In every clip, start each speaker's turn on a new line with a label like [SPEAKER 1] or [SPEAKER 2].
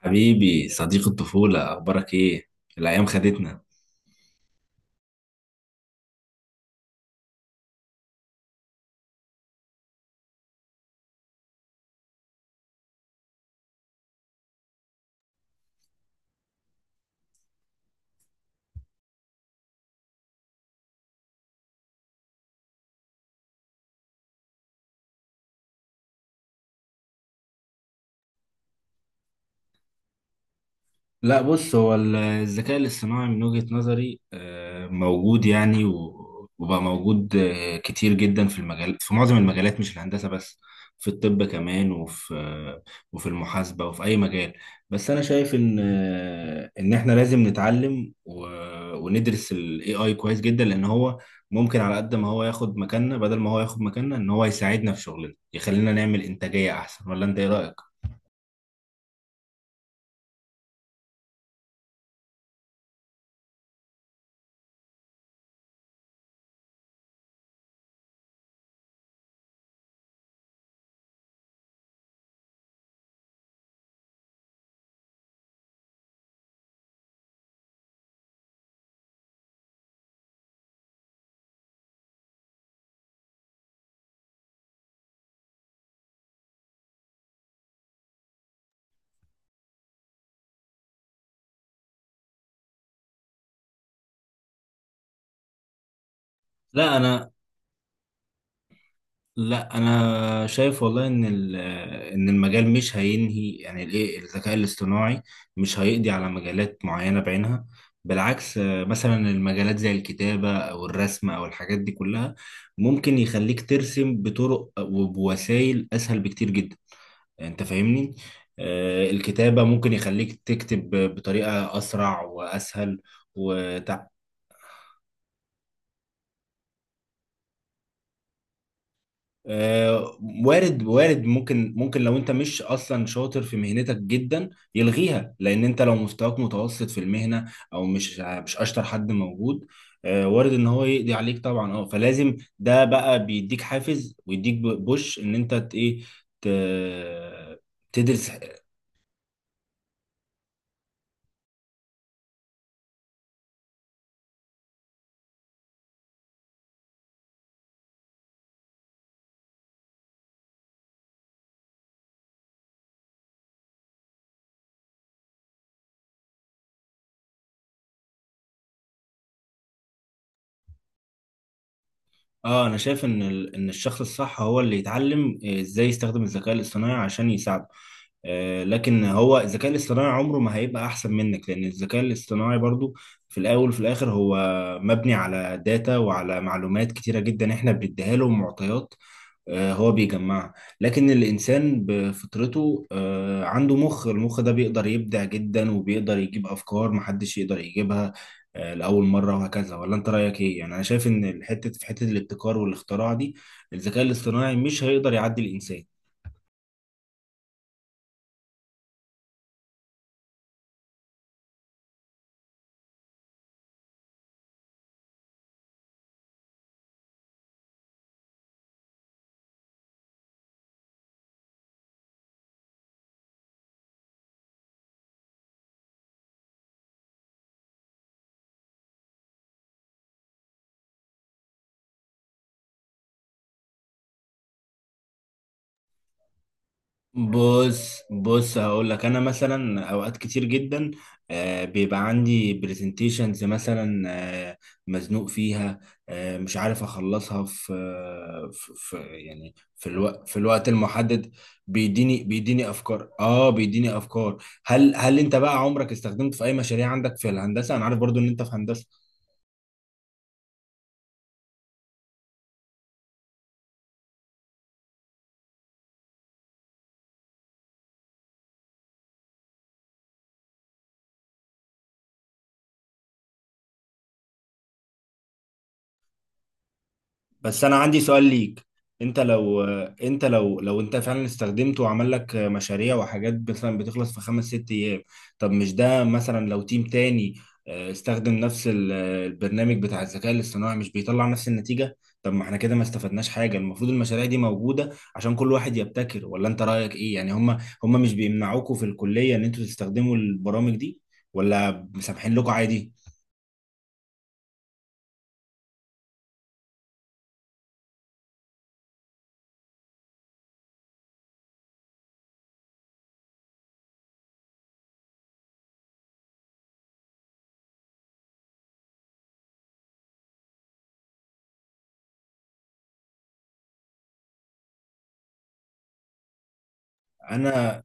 [SPEAKER 1] حبيبي صديق الطفولة، أخبارك إيه؟ الأيام خدتنا. لا بص، هو الذكاء الاصطناعي من وجهة نظري موجود يعني وبقى موجود كتير جدا في المجال، في معظم المجالات، مش الهندسة بس. في الطب كمان، وفي المحاسبة وفي أي مجال. بس أنا شايف إن إن إحنا لازم نتعلم وندرس ال AI كويس جدا، لأن هو ممكن، على قد ما هو ياخد مكاننا، بدل ما هو ياخد مكاننا، إن هو يساعدنا في شغلنا، يخلينا نعمل إنتاجية أحسن. ولا أنت إيه رأيك؟ لا انا لا، انا شايف والله ان ان المجال مش هينهي، يعني الايه، الذكاء الاصطناعي مش هيقضي على مجالات معينه بعينها. بالعكس، مثلا المجالات زي الكتابه او الرسم او الحاجات دي كلها، ممكن يخليك ترسم بطرق وبوسائل اسهل بكتير جدا. انت فاهمني؟ الكتابه ممكن يخليك تكتب بطريقه اسرع واسهل. آه، وارد، وارد ممكن لو انت مش اصلا شاطر في مهنتك جدا يلغيها، لان انت لو مستواك متوسط في المهنه، او مش اشطر حد موجود، وارد ان هو يقضي عليك طبعا. اه فلازم ده بقى بيديك حافز ويديك بوش ان انت ت- تدرس. اه انا شايف ان ان الشخص الصح هو اللي يتعلم ازاي يستخدم الذكاء الاصطناعي عشان يساعده. لكن هو الذكاء الاصطناعي عمره ما هيبقى احسن منك، لان الذكاء الاصطناعي برضو في الاول وفي الاخر هو مبني على داتا وعلى معلومات كتيرة جدا احنا بنديها له معطيات. هو بيجمعها. لكن الإنسان بفطرته عنده مخ، المخ ده بيقدر يبدع جدا وبيقدر يجيب أفكار محدش يقدر يجيبها لأول مرة، وهكذا. ولا أنت رأيك إيه؟ يعني أنا شايف إن الحتة، في حتة الابتكار والاختراع دي، الذكاء الاصطناعي مش هيقدر يعدي الإنسان. بص بص، هقول لك. انا مثلا اوقات كتير جدا بيبقى عندي برزنتيشنز مثلا، آه، مزنوق فيها، مش عارف اخلصها في يعني في الوقت، في الوقت المحدد. بيديني افكار، اه بيديني افكار. هل انت بقى عمرك استخدمت في اي مشاريع عندك في الهندسة؟ انا عارف برضو ان انت في هندسة. بس انا عندي سؤال ليك: انت لو، انت لو انت فعلا استخدمته وعمل لك مشاريع وحاجات مثلا بتخلص في خمس ست ايام، طب مش ده مثلا لو تيم تاني استخدم نفس البرنامج بتاع الذكاء الاصطناعي مش بيطلع نفس النتيجة؟ طب ما احنا كده ما استفدناش حاجة. المفروض المشاريع دي موجودة عشان كل واحد يبتكر. ولا انت رأيك ايه؟ يعني هم مش بيمنعوكوا في الكلية ان انتوا تستخدموا البرامج دي، ولا مسامحين لكم عادي؟ انا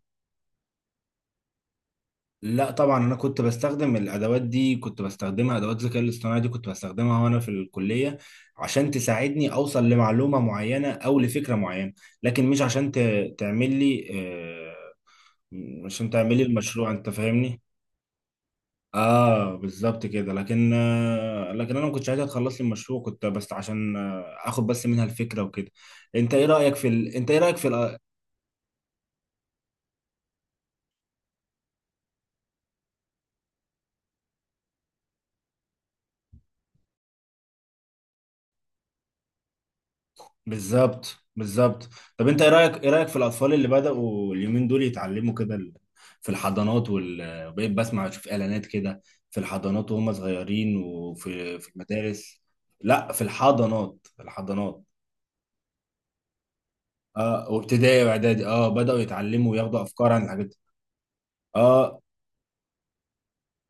[SPEAKER 1] لا طبعا، انا كنت بستخدم الادوات دي، كنت بستخدمها، ادوات الذكاء الاصطناعي دي كنت بستخدمها وانا في الكليه عشان تساعدني اوصل لمعلومه معينه او لفكره معينه، لكن مش عشان تعمل لي عشان تعمل لي المشروع، انت فاهمني. اه بالظبط كده. لكن لكن انا ما كنتش عايزها تخلص لي المشروع، كنت بس عشان اخد بس منها الفكره وكده. انت ايه رايك في انت ايه رايك في؟ بالظبط، بالظبط. طب انت ايه رايك، ايه رايك في الاطفال اللي بداوا اليومين دول يتعلموا كده في الحضانات بقيت بسمع، اشوف اعلانات كده، في الحضانات وهم صغيرين، في المدارس. لا في الحضانات، الحضانات. اه وابتدائي واعدادي، اه بداوا يتعلموا وياخدوا افكار عن الحاجات دي. اه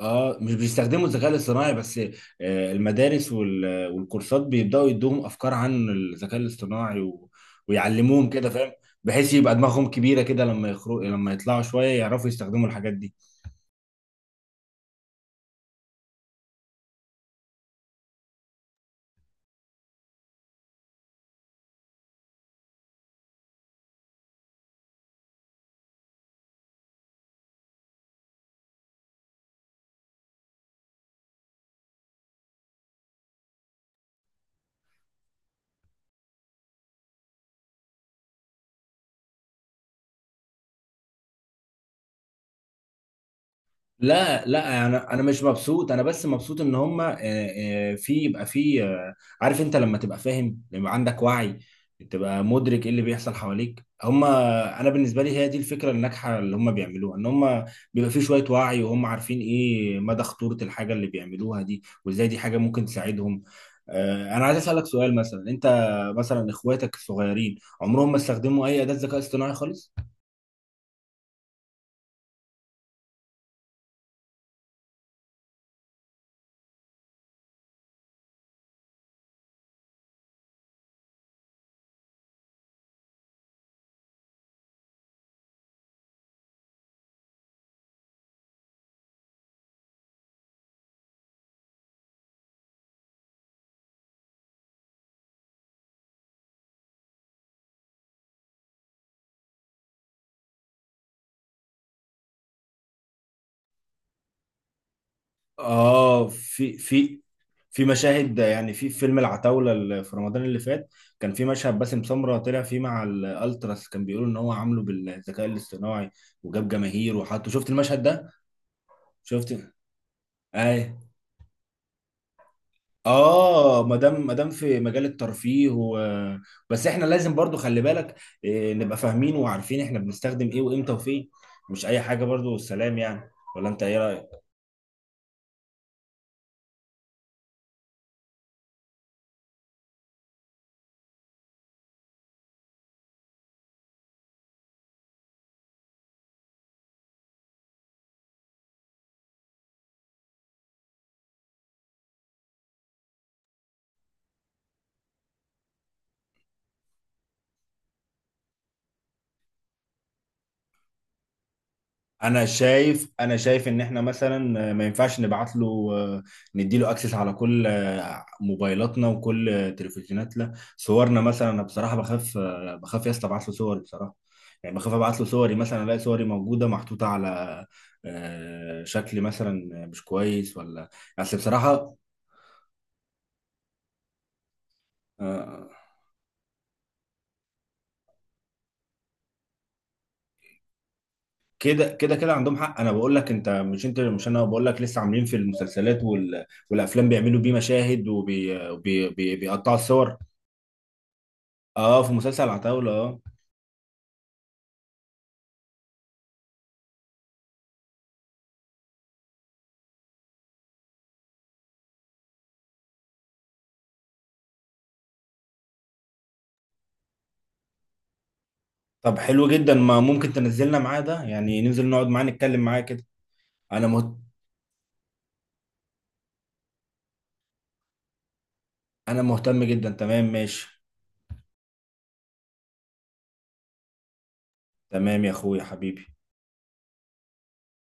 [SPEAKER 1] اه مش بيستخدموا الذكاء الاصطناعي بس، المدارس والكورسات بيبداوا يدوهم افكار عن الذكاء الاصطناعي و... ويعلموهم كده، فاهم، بحيث يبقى دماغهم كبيره كده لما يخرج، لما يطلعوا شويه يعرفوا يستخدموا الحاجات دي. لا، انا مش مبسوط، انا بس مبسوط ان هم آه، آه، في يبقى في آه، عارف، انت لما تبقى فاهم، لما عندك وعي، تبقى مدرك ايه اللي بيحصل حواليك. هم انا بالنسبه لي هي دي الفكره الناجحه اللي هم بيعملوها، ان هم بيبقى في شويه وعي، وهم عارفين ايه مدى خطوره الحاجه اللي بيعملوها دي، وازاي دي حاجه ممكن تساعدهم. انا عايز اسالك سؤال: مثلا انت، مثلا اخواتك الصغيرين عمرهم ما استخدموا اي اداه ذكاء اصطناعي خالص؟ اه، في في مشاهد، يعني في فيلم العتاولة اللي في رمضان اللي فات كان في مشهد باسم سمرة طلع فيه مع الالتراس، كان بيقولوا ان هو عامله بالذكاء الاصطناعي، وجاب جماهير وحطه. شفت المشهد ده؟ شفت. اي. اه ما دام، ما دام في مجال الترفيه و... بس احنا لازم برضو خلي بالك، إيه، نبقى فاهمين وعارفين احنا بنستخدم ايه وامتى وفين، مش اي حاجة برضو والسلام يعني. ولا انت ايه رأيك؟ انا شايف ان احنا مثلا ما ينفعش نبعت له، نديله اكسس على كل موبايلاتنا وكل تلفزيوناتنا. صورنا مثلا، انا بصراحه بخاف، بخاف يا اسطى ابعت له صوري بصراحه. يعني بخاف ابعت له صوري مثلا الاقي صوري موجوده محطوطه على شكل مثلا مش كويس، ولا بس بصراحه. آه، كده عندهم حق. انا بقول لك، انت مش انت مش انا بقول لك لسه عاملين في المسلسلات والافلام بيعملوا بيه مشاهد وبيقطعوا بيقطعوا الصور. اه في مسلسل عتاولة، اه. طب حلو جدا، ما ممكن تنزلنا معاه ده؟ يعني ننزل نقعد معاه نتكلم معاه كده. انا مهت... انا مهتم جدا، تمام، ماشي. تمام يا اخويا حبيبي.